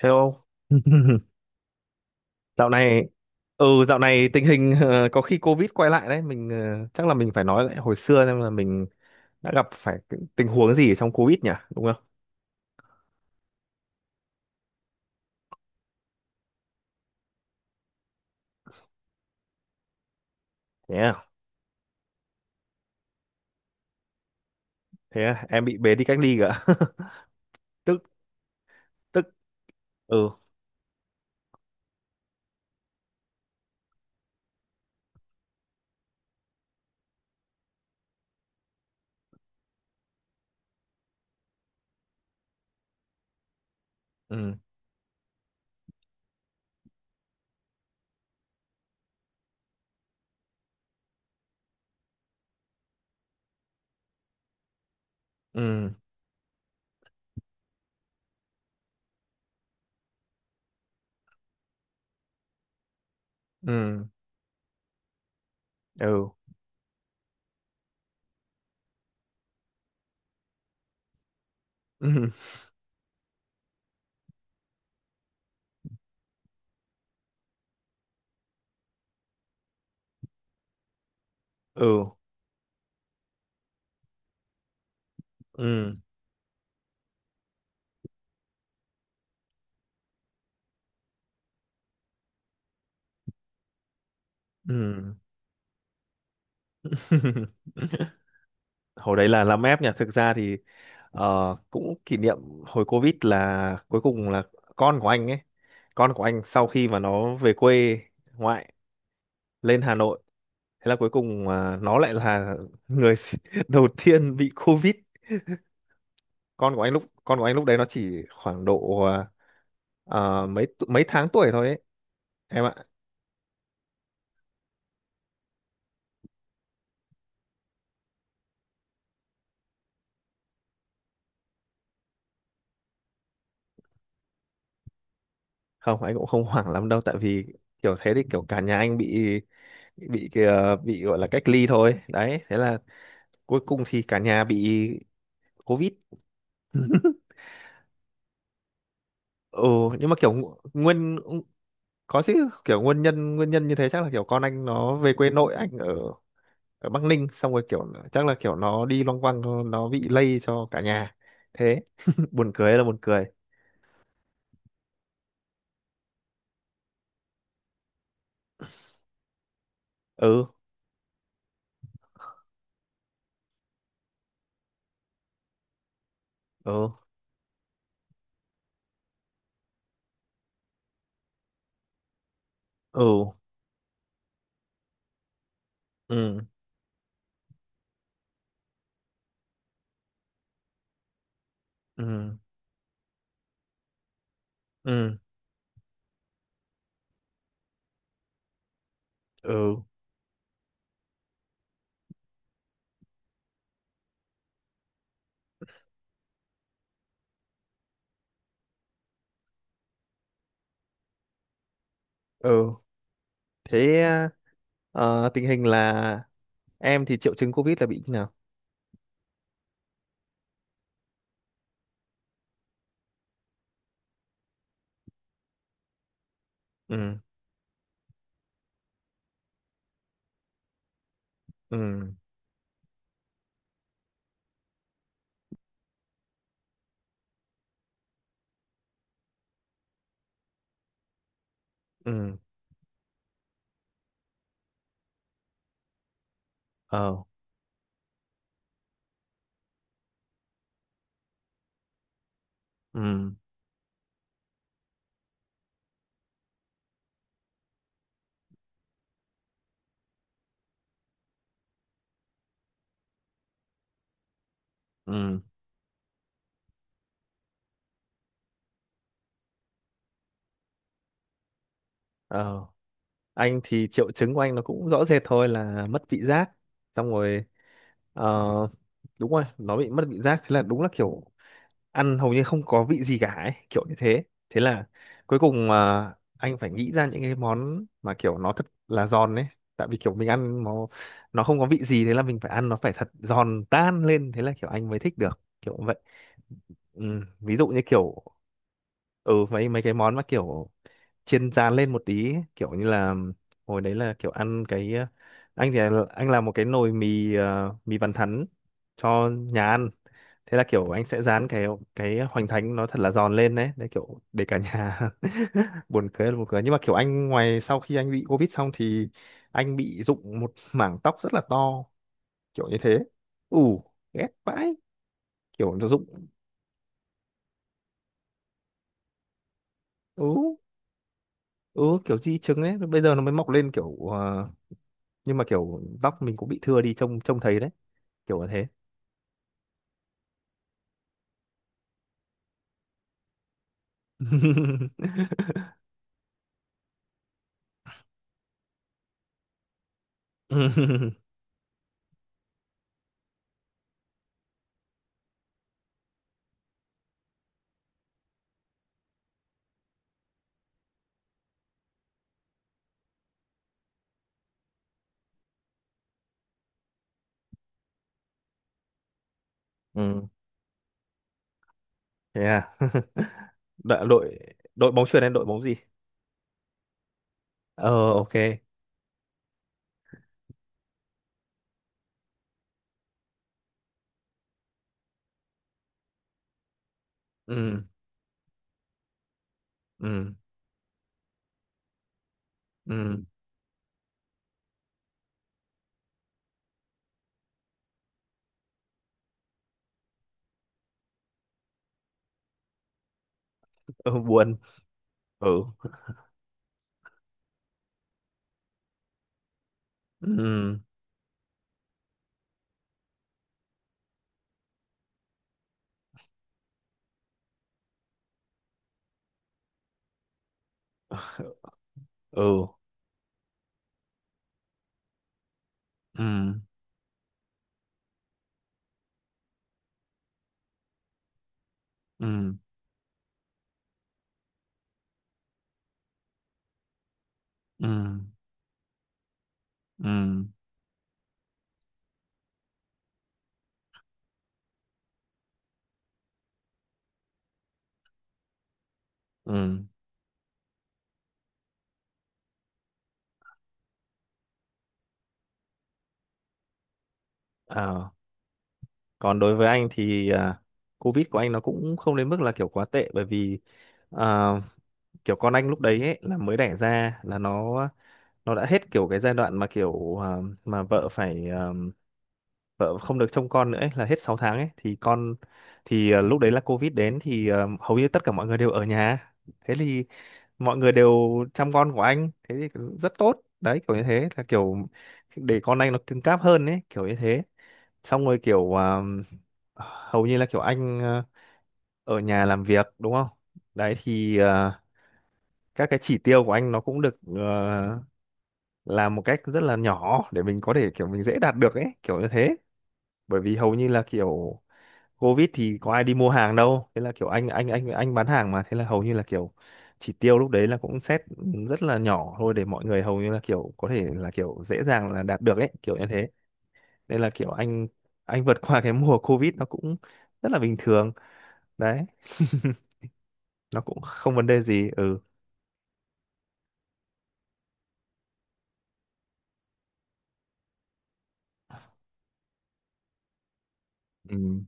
Hello. Dạo này dạo này tình hình có khi Covid quay lại đấy, mình chắc là mình phải nói lại hồi xưa xem là mình đã gặp phải cái tình huống gì trong Covid nhỉ, đúng không? Thế à? Thế à? Em bị bế đi cách ly cả. Tức tức ừ, ừ, ừ, ừ, ừ, ừ, ừ, ừ, ừ. Hồi đấy là làm ép nhỉ, thực ra thì cũng kỷ niệm hồi Covid là cuối cùng là con của anh ấy con của anh sau khi mà nó về quê ngoại lên Hà Nội, thế là cuối cùng nó lại là người đầu tiên bị Covid. Con của anh lúc đấy nó chỉ khoảng độ mấy tháng tuổi thôi ấy em ạ. Không, anh cũng không hoảng lắm đâu, tại vì kiểu thế thì kiểu cả nhà anh bị bị gọi là cách ly thôi đấy, thế là cuối cùng thì cả nhà bị Covid. Ừ, nhưng mà kiểu nguyên, có chứ, kiểu nguyên nhân như thế chắc là kiểu con anh nó về quê nội anh ở ở Bắc Ninh xong rồi kiểu chắc là kiểu nó đi loanh quanh, nó bị lây cho cả nhà. Thế buồn cười là buồn cười. Ừ, ừ, ừ, ừ, ừ, ừ, ừ, ừ. Thế tình hình là em thì triệu chứng COVID là bị như nào? Ừ, ừ, ừ, ờ, ừ, ừ, ờ, anh thì triệu chứng của anh nó cũng rõ rệt thôi là mất vị giác. Xong rồi ờ, đúng rồi, nó bị mất vị giác, thế là đúng là kiểu ăn hầu như không có vị gì cả ấy, kiểu như thế. Thế là cuối cùng mà anh phải nghĩ ra những cái món mà kiểu nó thật là giòn ấy, tại vì kiểu mình ăn nó không có vị gì, thế là mình phải ăn nó phải thật giòn tan lên, thế là kiểu anh mới thích được kiểu vậy. Ừ, ví dụ như kiểu ừ, mấy mấy cái món mà kiểu chiên rán lên một tí ấy, kiểu như là hồi đấy là kiểu ăn cái anh anh làm một cái nồi mì mì bàn thắn cho nhà ăn. Thế là kiểu anh sẽ rán cái hoành thánh nó thật là giòn lên đấy, đấy, kiểu để cả nhà buồn cười là buồn cười. Nhưng mà kiểu anh ngoài sau khi anh bị covid xong thì anh bị rụng một mảng tóc rất là to, kiểu như thế. Ù, ghét vãi, kiểu nó rụng. Ừ, ừ, kiểu di chứng đấy, bây giờ nó mới mọc lên kiểu nhưng mà kiểu tóc mình cũng bị thưa đi trông trông thấy đấy, kiểu là thế. Ừ, thế à. đội đội đội bóng chuyền hay đội bóng gì? Ờ, ok. Ừ, ừ, ừ, ừ, buồn, ừ, ừ, ừ, ừ, ừ, ừ, ừ, ừ. Ờ. Còn đối với anh thì Covid của anh nó cũng không đến mức là kiểu quá tệ, bởi vì à, kiểu con anh lúc đấy ấy, là mới đẻ ra là nó đã hết kiểu cái giai đoạn mà kiểu mà vợ phải vợ không được trông con nữa ấy, là hết 6 tháng ấy thì con thì lúc đấy là Covid đến thì hầu như tất cả mọi người đều ở nhà. Thế thì mọi người đều chăm con của anh, thế thì rất tốt đấy kiểu như thế, là kiểu để con anh nó cứng cáp hơn ấy, kiểu như thế. Xong rồi kiểu hầu như là kiểu anh ở nhà làm việc đúng không, đấy thì các cái chỉ tiêu của anh nó cũng được làm một cách rất là nhỏ để mình có thể kiểu mình dễ đạt được ấy, kiểu như thế. Bởi vì hầu như là kiểu Covid thì có ai đi mua hàng đâu, thế là kiểu anh bán hàng mà, thế là hầu như là kiểu chỉ tiêu lúc đấy là cũng set rất là nhỏ thôi để mọi người hầu như là kiểu có thể là kiểu dễ dàng là đạt được ấy, kiểu như thế, nên là kiểu anh vượt qua cái mùa Covid nó cũng rất là bình thường đấy, nó cũng không vấn đề gì. Ừ, ừ,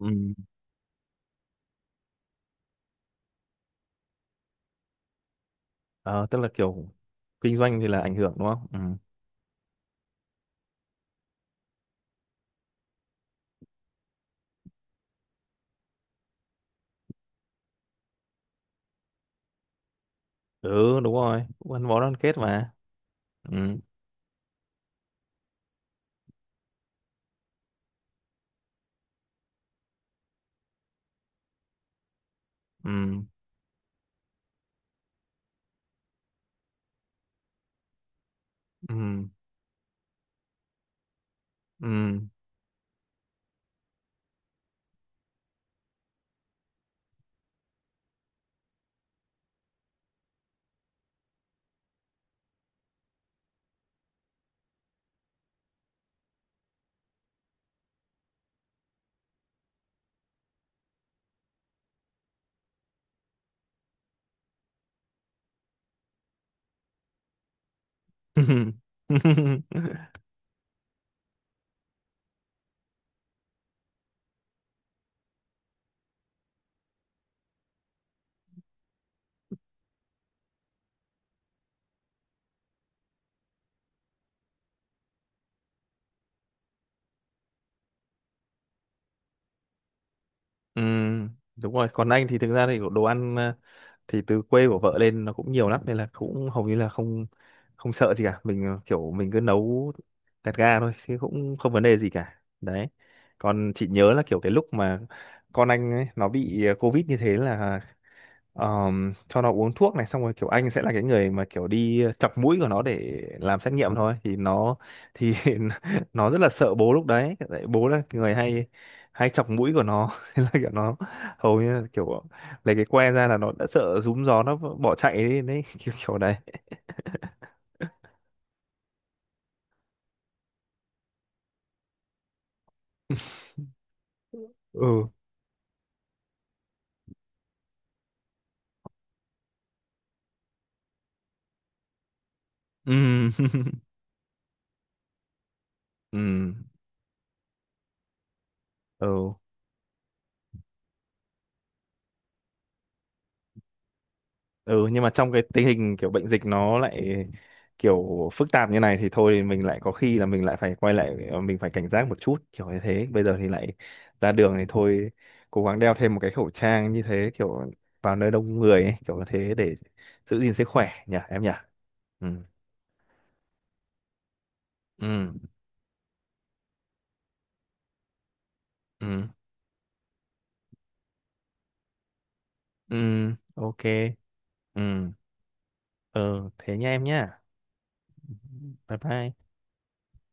ừ. Ờ, tức là kiểu kinh doanh thì là ảnh hưởng đúng không? Ừ, ừ đúng rồi, cũng gắn bó đoàn kết mà. Ừ, ừ, ừ, ừ. Ừ, đúng rồi. Còn anh thì thực ra thì đồ ăn thì từ quê của vợ lên nó cũng nhiều lắm, nên là cũng hầu như là không không sợ gì cả. Mình kiểu mình cứ nấu tẹt ga thôi chứ cũng không vấn đề gì cả. Đấy. Còn chị nhớ là kiểu cái lúc mà con anh ấy, nó bị Covid như thế là cho nó uống thuốc này xong rồi kiểu anh sẽ là cái người mà kiểu đi chọc mũi của nó để làm xét nghiệm thôi thì nó thì nó rất là sợ bố lúc đấy, tại bố là người hay hay chọc mũi của nó. Thế là kiểu nó hầu như là kiểu lấy cái que ra là nó đã sợ rúm gió, nó bỏ chạy đi đấy. Kiểu kiểu đấy. Ừ, ừ. Ừ, ừ, ừ, nhưng mà trong cái tình hình kiểu bệnh dịch nó lại kiểu phức tạp như này thì thôi mình lại có khi là mình lại phải quay lại, mình phải cảnh giác một chút kiểu như thế. Bây giờ thì lại ra đường thì thôi cố gắng đeo thêm một cái khẩu trang như thế, kiểu vào nơi đông người ấy, kiểu như thế để giữ gìn sức khỏe nhỉ em nhỉ. Ừ, ừ, ừ, ừ, ok, ừ, ờ thế nha em nhá, bye bye.